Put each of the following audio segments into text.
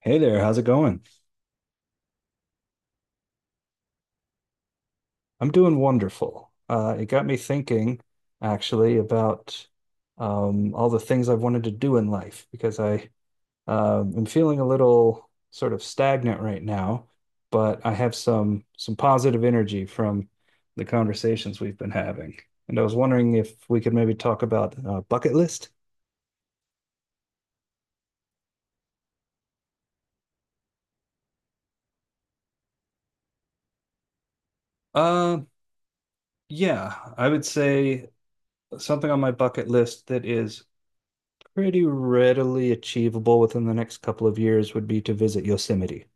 Hey there, how's it going? I'm doing wonderful. It got me thinking, actually, about all the things I've wanted to do in life because I am feeling a little sort of stagnant right now, but I have some positive energy from the conversations we've been having, and I was wondering if we could maybe talk about bucket list. Uh, yeah, I would say something on my bucket list that is pretty readily achievable within the next couple of years would be to visit Yosemite.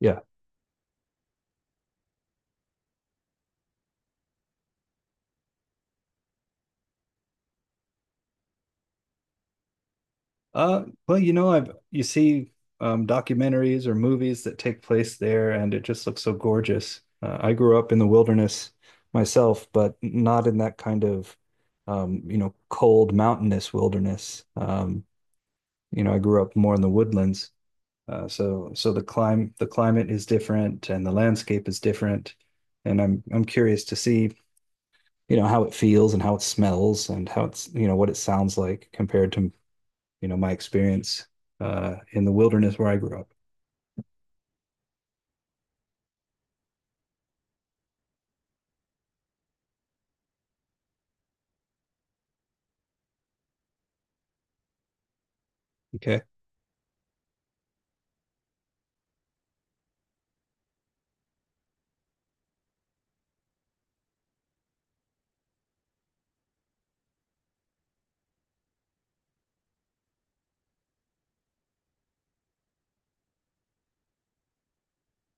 Yeah. Well, you know, I've you see documentaries or movies that take place there, and it just looks so gorgeous. I grew up in the wilderness myself, but not in that kind of you know, cold mountainous wilderness. You know, I grew up more in the woodlands. So the climb the climate is different and the landscape is different. And I'm curious to see, you know, how it feels and how it smells and how it's, you know, what it sounds like compared to, you know, my experience in the wilderness where I grew up. Okay.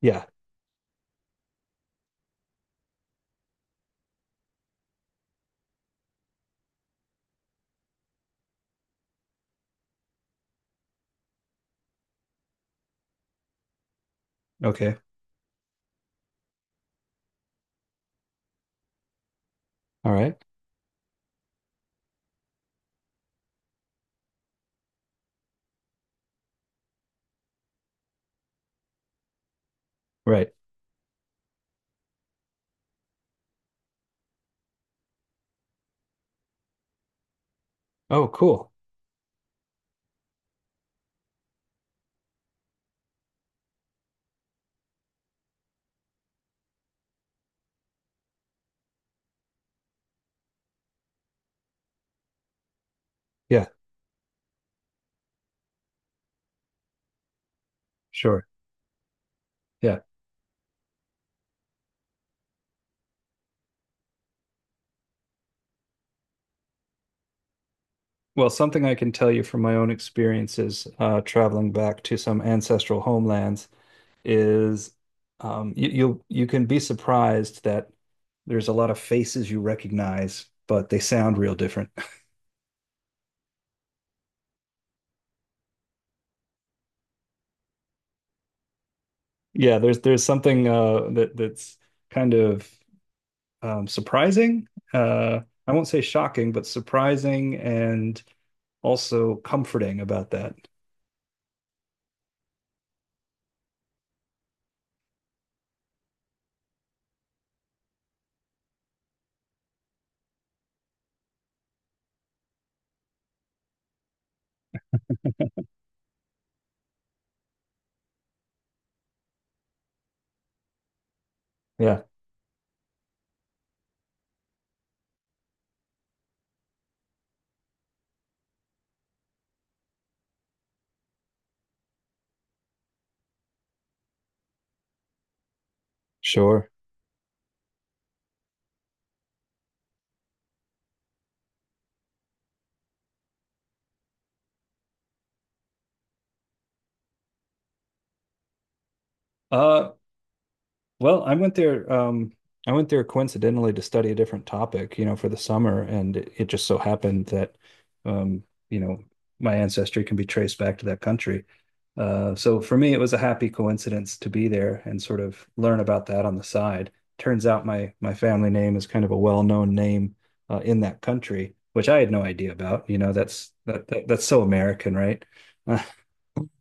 Yeah. Okay. All right. Right. Oh, cool. Yeah, sure. Yeah. Well, something I can tell you from my own experiences traveling back to some ancestral homelands is you'll you can be surprised that there's a lot of faces you recognize, but they sound real different. Yeah, there's something that's kind of surprising. Uh, I won't say shocking, but surprising and also comforting about that. Yeah, sure. Uh, well, I went there coincidentally to study a different topic, you know, for the summer, and it just so happened that, um, you know, my ancestry can be traced back to that country. So for me, it was a happy coincidence to be there and sort of learn about that on the side. Turns out my family name is kind of a well-known name in that country, which I had no idea about. You know, that's that, that that's so American, right?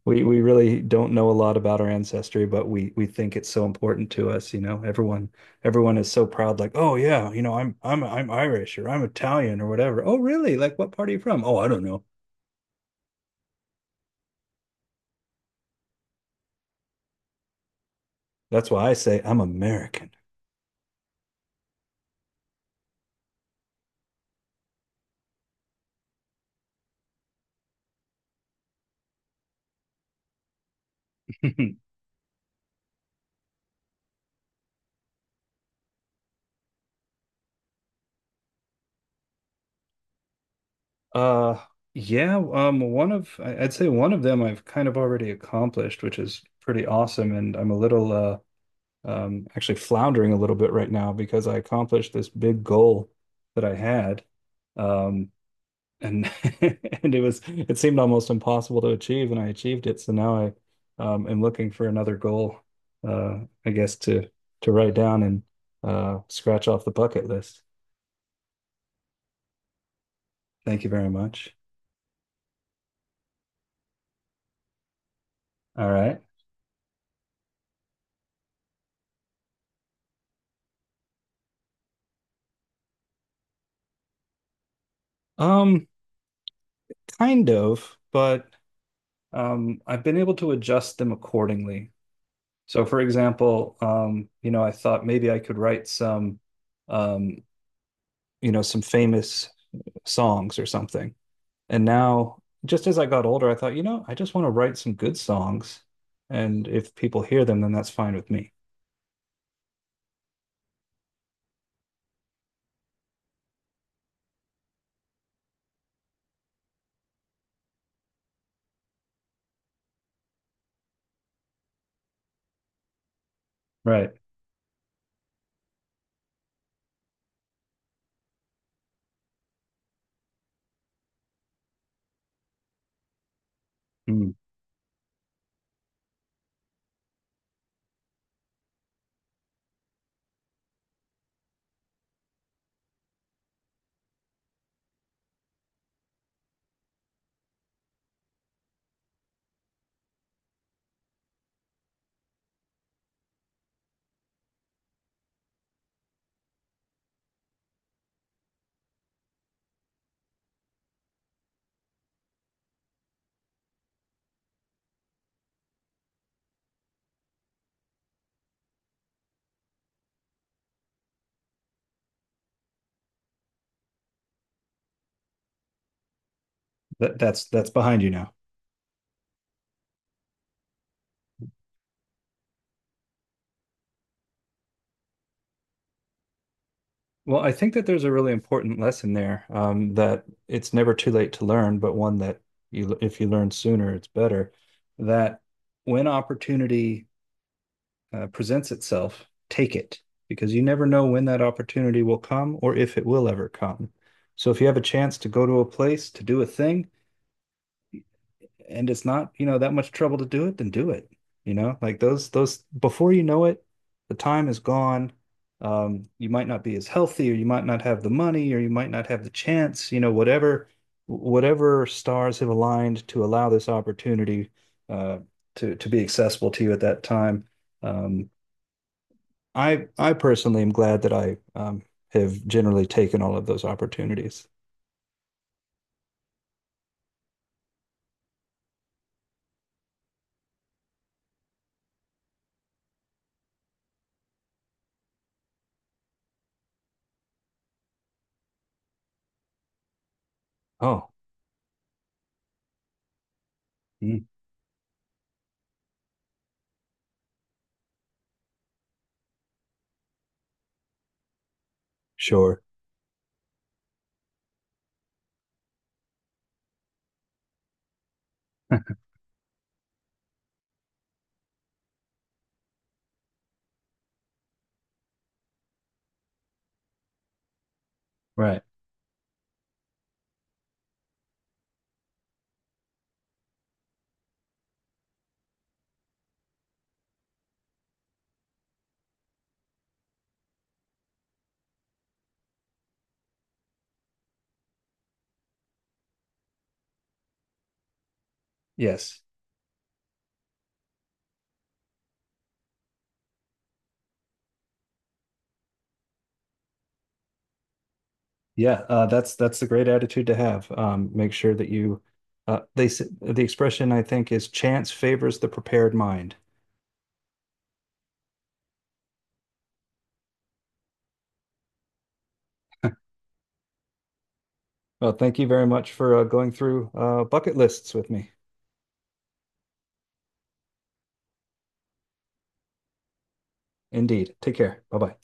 We really don't know a lot about our ancestry, but we think it's so important to us, you know. Everyone is so proud, like, oh yeah, you know, I'm Irish or I'm Italian or whatever. Oh really? Like what part are you from? Oh, I don't know. That's why I say I'm American. Uh yeah, one of would say one of them I've kind of already accomplished, which is pretty awesome. And I'm a little actually floundering a little bit right now because I accomplished this big goal that I had. Um and and it was it seemed almost impossible to achieve and I achieved it, so now I am looking for another goal, uh I guess, to write down and scratch off the bucket list. Thank you very much. All right. um Kind of, but I've been able to adjust them accordingly. So for example, you know, I thought maybe I could write some, um you know, some famous songs or something. And now, just as I got older, I thought, you know, I just want to write some good songs. And if people hear them, then that's fine with me. Right. Mm. That's that's behind you now. Well, I think that there's a really important lesson there, that it's never too late to learn, but one that you, if you learn sooner, it's better. That when opportunity presents itself, take it because you never know when that opportunity will come or if it will ever come. So if you have a chance to go to a place to do a thing, and it's not, you know, that much trouble to do it, then do it. You know, like those, before you know it, the time is gone. You might not be as healthy, or you might not have the money, or you might not have the chance. You know, whatever stars have aligned to allow this opportunity uh, to be accessible to you at that time. Um, I personally am glad that I have generally taken all of those opportunities. Oh, mm, sure. Right. Yes. Yeah, that's a great attitude to have. Make sure that you, the expression I think is chance favors the prepared mind. Well, thank you very much for going through bucket lists with me. Indeed. Take care. Bye bye.